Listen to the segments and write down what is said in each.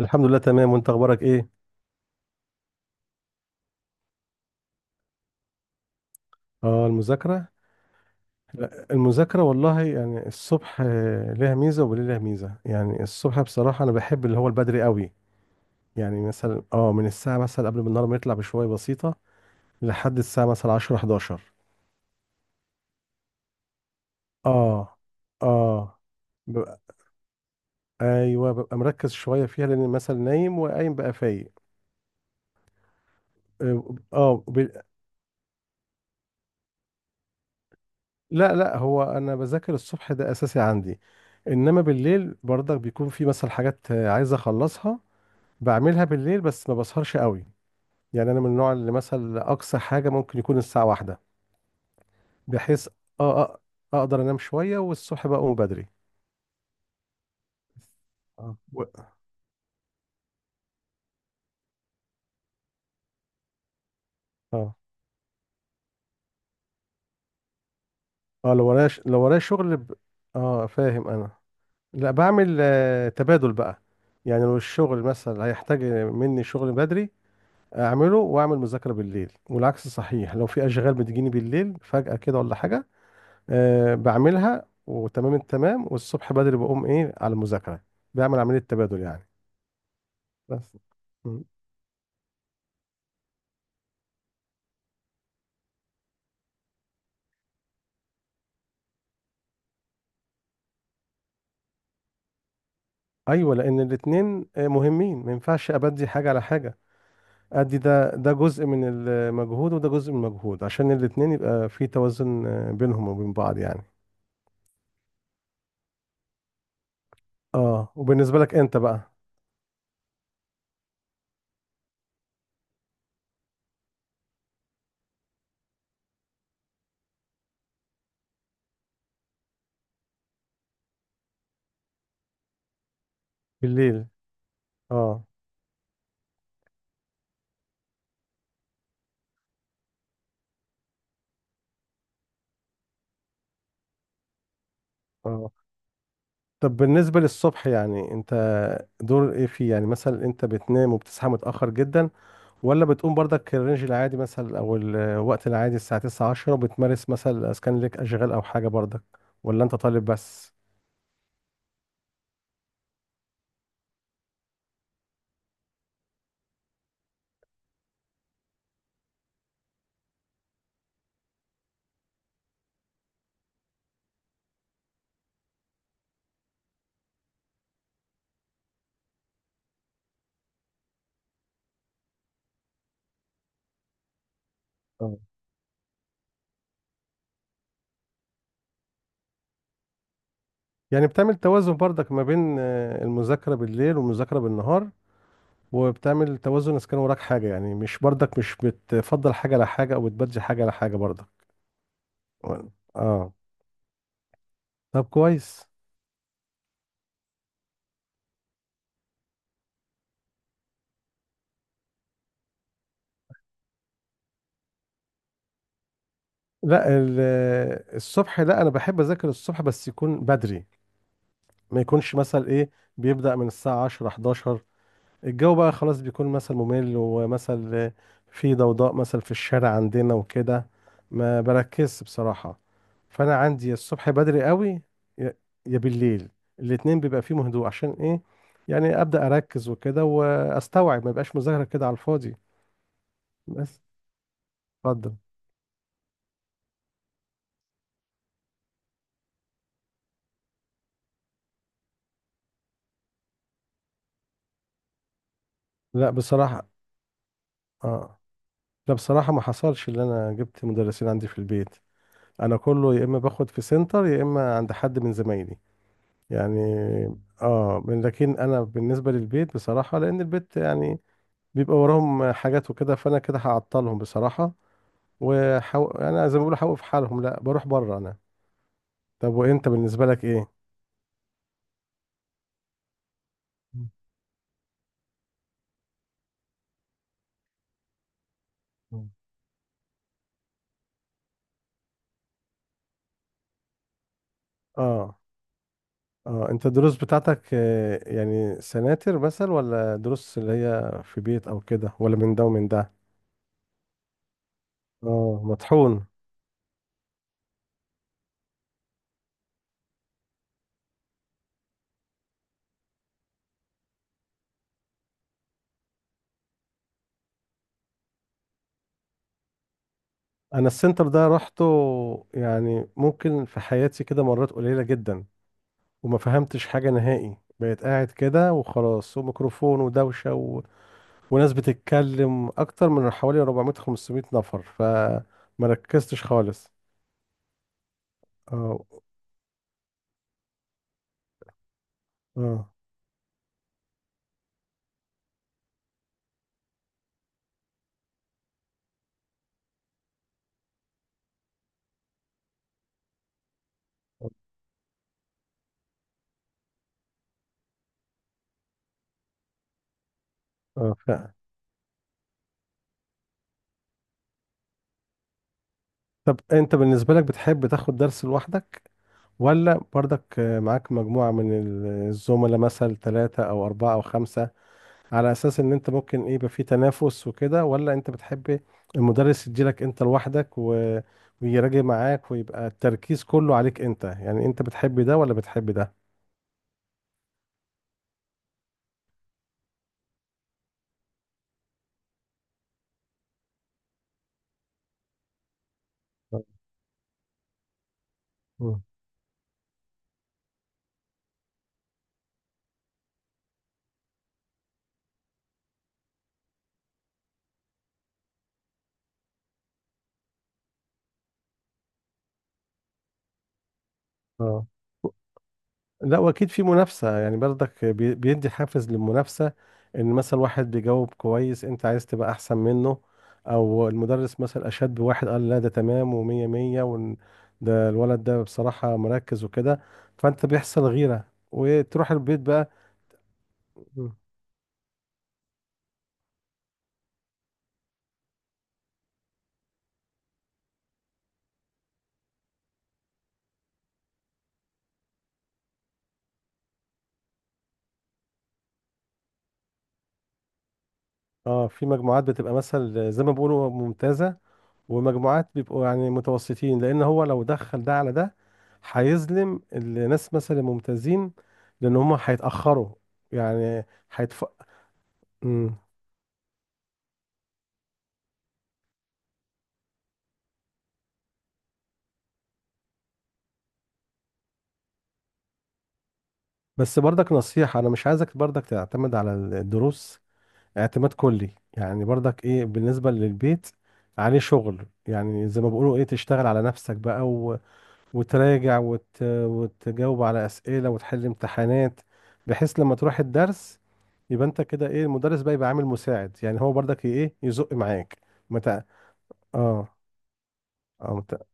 الحمد لله، تمام. وانت اخبارك ايه؟ اه، المذاكره. لا، المذاكره والله، يعني الصبح ليها ميزه وبالليل ليها ميزه. يعني الصبح بصراحه انا بحب اللي هو البدري قوي. يعني مثلا من الساعه مثلا قبل ما النهار ما يطلع بشويه بسيطه، لحد الساعه مثلا 10 11. اه. اه. ببقى ايوه، ببقى مركز شويه فيها لان مثلا نايم وقايم بقى فايق. اه آه، ب... لا، لا، هو انا بذاكر الصبح، ده اساسي عندي. انما بالليل برضك بيكون في مثلا حاجات عايز اخلصها. بعملها بالليل بس ما بسهرش قوي. يعني انا من النوع اللي مثلا اقصى حاجه ممكن يكون الساعه واحدة، بحيث اه اقدر انام شويه والصبح بقى اقوم بدري. اه. اه. اه. لو ورايا شغل اه، فاهم انا. لا، بعمل تبادل بقى. يعني لو الشغل مثلا هيحتاج مني شغل بدري اعمله، واعمل مذاكره بالليل، والعكس صحيح. لو في اشغال بتجيني بالليل فجاه كده ولا حاجه بعملها وتمام التمام، والصبح بدري بقوم ايه على المذاكرة. بعمل عملية تبادل يعني. بس. مم. ايوه، لان الاتنين مهمين، ما ينفعش ابدي حاجة على حاجة. ادي ده، ده جزء من المجهود وده جزء من المجهود، عشان الاتنين يبقى في توازن بينهم وبين بعض يعني. اه، وبالنسبة لك انت بقى؟ بالليل. اه. اه. طب بالنسبة للصبح، يعني انت دور ايه فيه؟ يعني مثلا انت بتنام وبتصحى متأخر جدا، ولا بتقوم برضك الرينج العادي مثلا، او الوقت العادي الساعة 9 10، وبتمارس مثلا اسكان لك اشغال او حاجة برضك؟ ولا انت طالب بس؟ آه. يعني بتعمل توازن برضك ما بين المذاكرة بالليل والمذاكرة بالنهار، وبتعمل توازن اذا كان وراك حاجة، يعني مش برضك، مش بتفضل حاجة على حاجة او بتبدي حاجة على حاجة برضك. اه. طب كويس. لا، الصبح، لا، انا بحب اذاكر الصبح بس يكون بدري، ما يكونش مثلا ايه بيبدأ من الساعة 10 11. الجو بقى خلاص بيكون مثل ممل ومثل، في ضوضاء مثل في الشارع عندنا وكده، ما بركزش بصراحة. فأنا عندي، يا الصبح بدري قوي، يا يا بالليل، الاتنين بيبقى فيهم هدوء. عشان إيه؟ يعني أبدأ أركز وكده وأستوعب، ما يبقاش مذاكرة كده على الفاضي. بس. اتفضل. لا، بصراحة. آه لا، بصراحة، ما حصلش اللي أنا جبت مدرسين عندي في البيت. أنا كله يا إما باخد في سنتر، يا إما عند حد من زمايلي يعني. لكن انا بالنسبه للبيت، بصراحه، لان البيت يعني بيبقى وراهم حاجات وكده، فانا كده هعطلهم بصراحه. انا زي ما بقول هوقف حالهم، لا بروح بره انا. طب وانت بالنسبه لك ايه؟ مم. اه. اه انت الدروس بتاعتك، يعني سناتر مثلا ولا دروس اللي هي في بيت او كده، ولا من ده ومن ده؟ اه، مطحون. انا السنتر ده رحته يعني ممكن في حياتي كده مرات قليلة جدا، وما فهمتش حاجة نهائي. بقيت قاعد كده وخلاص، وميكروفون ودوشة وناس بتتكلم، أكتر من حوالي 400 500 نفر، فما ركزتش خالص. اه. اه. اه، فعلا. طب أنت بالنسبة لك بتحب تاخد درس لوحدك، ولا برضك معاك مجموعة من الزملاء مثلا، ثلاثة أو أربعة أو خمسة، على اساس ان انت ممكن ايه يبقى في تنافس وكده؟ ولا انت بتحب المدرس يديلك انت لوحدك ويراجع معاك، ويبقى التركيز كله عليك انت؟ يعني انت بتحب ده ولا بتحب ده؟ مم. اه. لا، واكيد في منافسه، يعني برضك بيدي حافز للمنافسه، ان مثلا واحد بيجاوب كويس، انت عايز تبقى احسن منه. او المدرس مثلا اشاد بواحد قال، لا ده تمام ومية مية، وإن ده الولد ده بصراحه مركز وكده، فانت بيحصل غيره وتروح البيت بقى. مم. اه، في مجموعات بتبقى مثلا زي ما بيقولوا ممتازة، ومجموعات بيبقوا يعني متوسطين، لأن هو لو دخل ده على ده هيظلم الناس مثلا الممتازين، لأن هم هيتأخروا يعني هيتف... مم. بس برضك نصيحة، أنا مش عايزك برضك تعتمد على الدروس اعتماد كلي. يعني برضك إيه، بالنسبة للبيت عليه شغل، يعني زي ما بيقولوا إيه، تشتغل على نفسك بقى وتراجع وتجاوب على أسئلة، وتحل امتحانات، بحيث لما تروح الدرس يبقى انت كده ايه، المدرس بقى يبقى عامل مساعد، يعني هو برضك ايه يزق معاك. مت... اه. اه.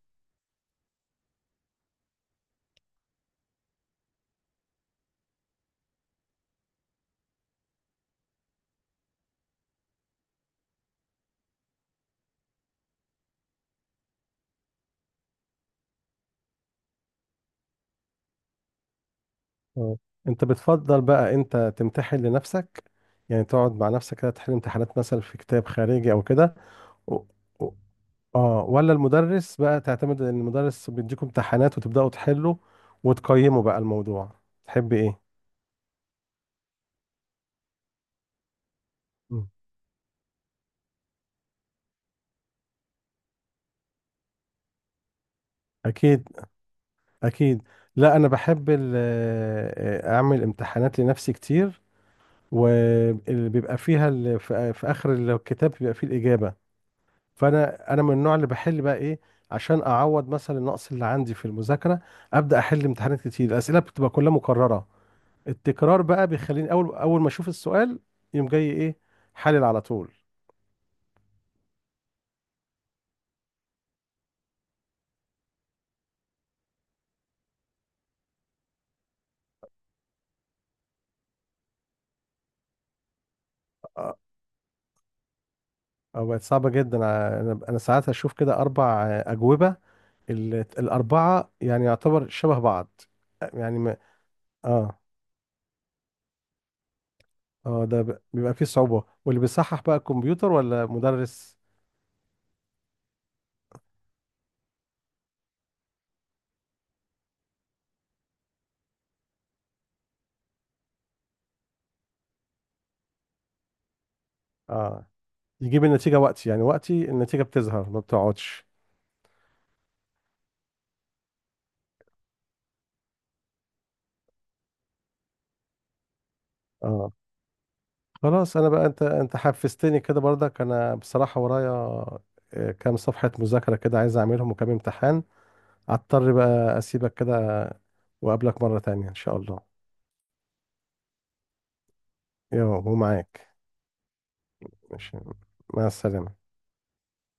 اه، انت بتفضل بقى انت تمتحن لنفسك، يعني تقعد مع نفسك كده تحل امتحانات مثلا في كتاب خارجي او كده، و... و... اه، ولا المدرس بقى تعتمد ان المدرس بيديكم امتحانات، وتبدأوا تحلوا، وتقيموا بقى الموضوع؟ تحب ايه؟ مم. اكيد. اكيد. لا، انا بحب اعمل امتحانات لنفسي كتير، وبيبقى فيها في اخر الكتاب بيبقى فيه الاجابه. فانا من النوع اللي بحل بقى ايه، عشان اعوض مثلا النقص اللي عندي في المذاكره. ابدا احل امتحانات كتير، الاسئله بتبقى كلها مكرره. التكرار بقى بيخليني اول، اول ما اشوف السؤال يوم جاي ايه، حلل على طول. أه، أه، بقت صعبه جدا. انا ساعات اشوف كده اربع اجوبه، ال- الاربعه يعني يعتبر شبه بعض يعني. اه. اه، ده بيبقى فيه صعوبة، واللي بيصحح بقى الكمبيوتر ولا مدرس؟ اه، يجيب النتيجة وقتي، يعني وقتي النتيجة بتظهر ما بتقعدش. اه، خلاص انا بقى، انت حفزتني كده برضك. انا بصراحة ورايا كام صفحة مذاكرة كده عايز اعملهم، وكام امتحان، اضطر بقى اسيبك كده واقابلك مرة تانية ان شاء الله. ومعاك. ماشي. مع السلامة.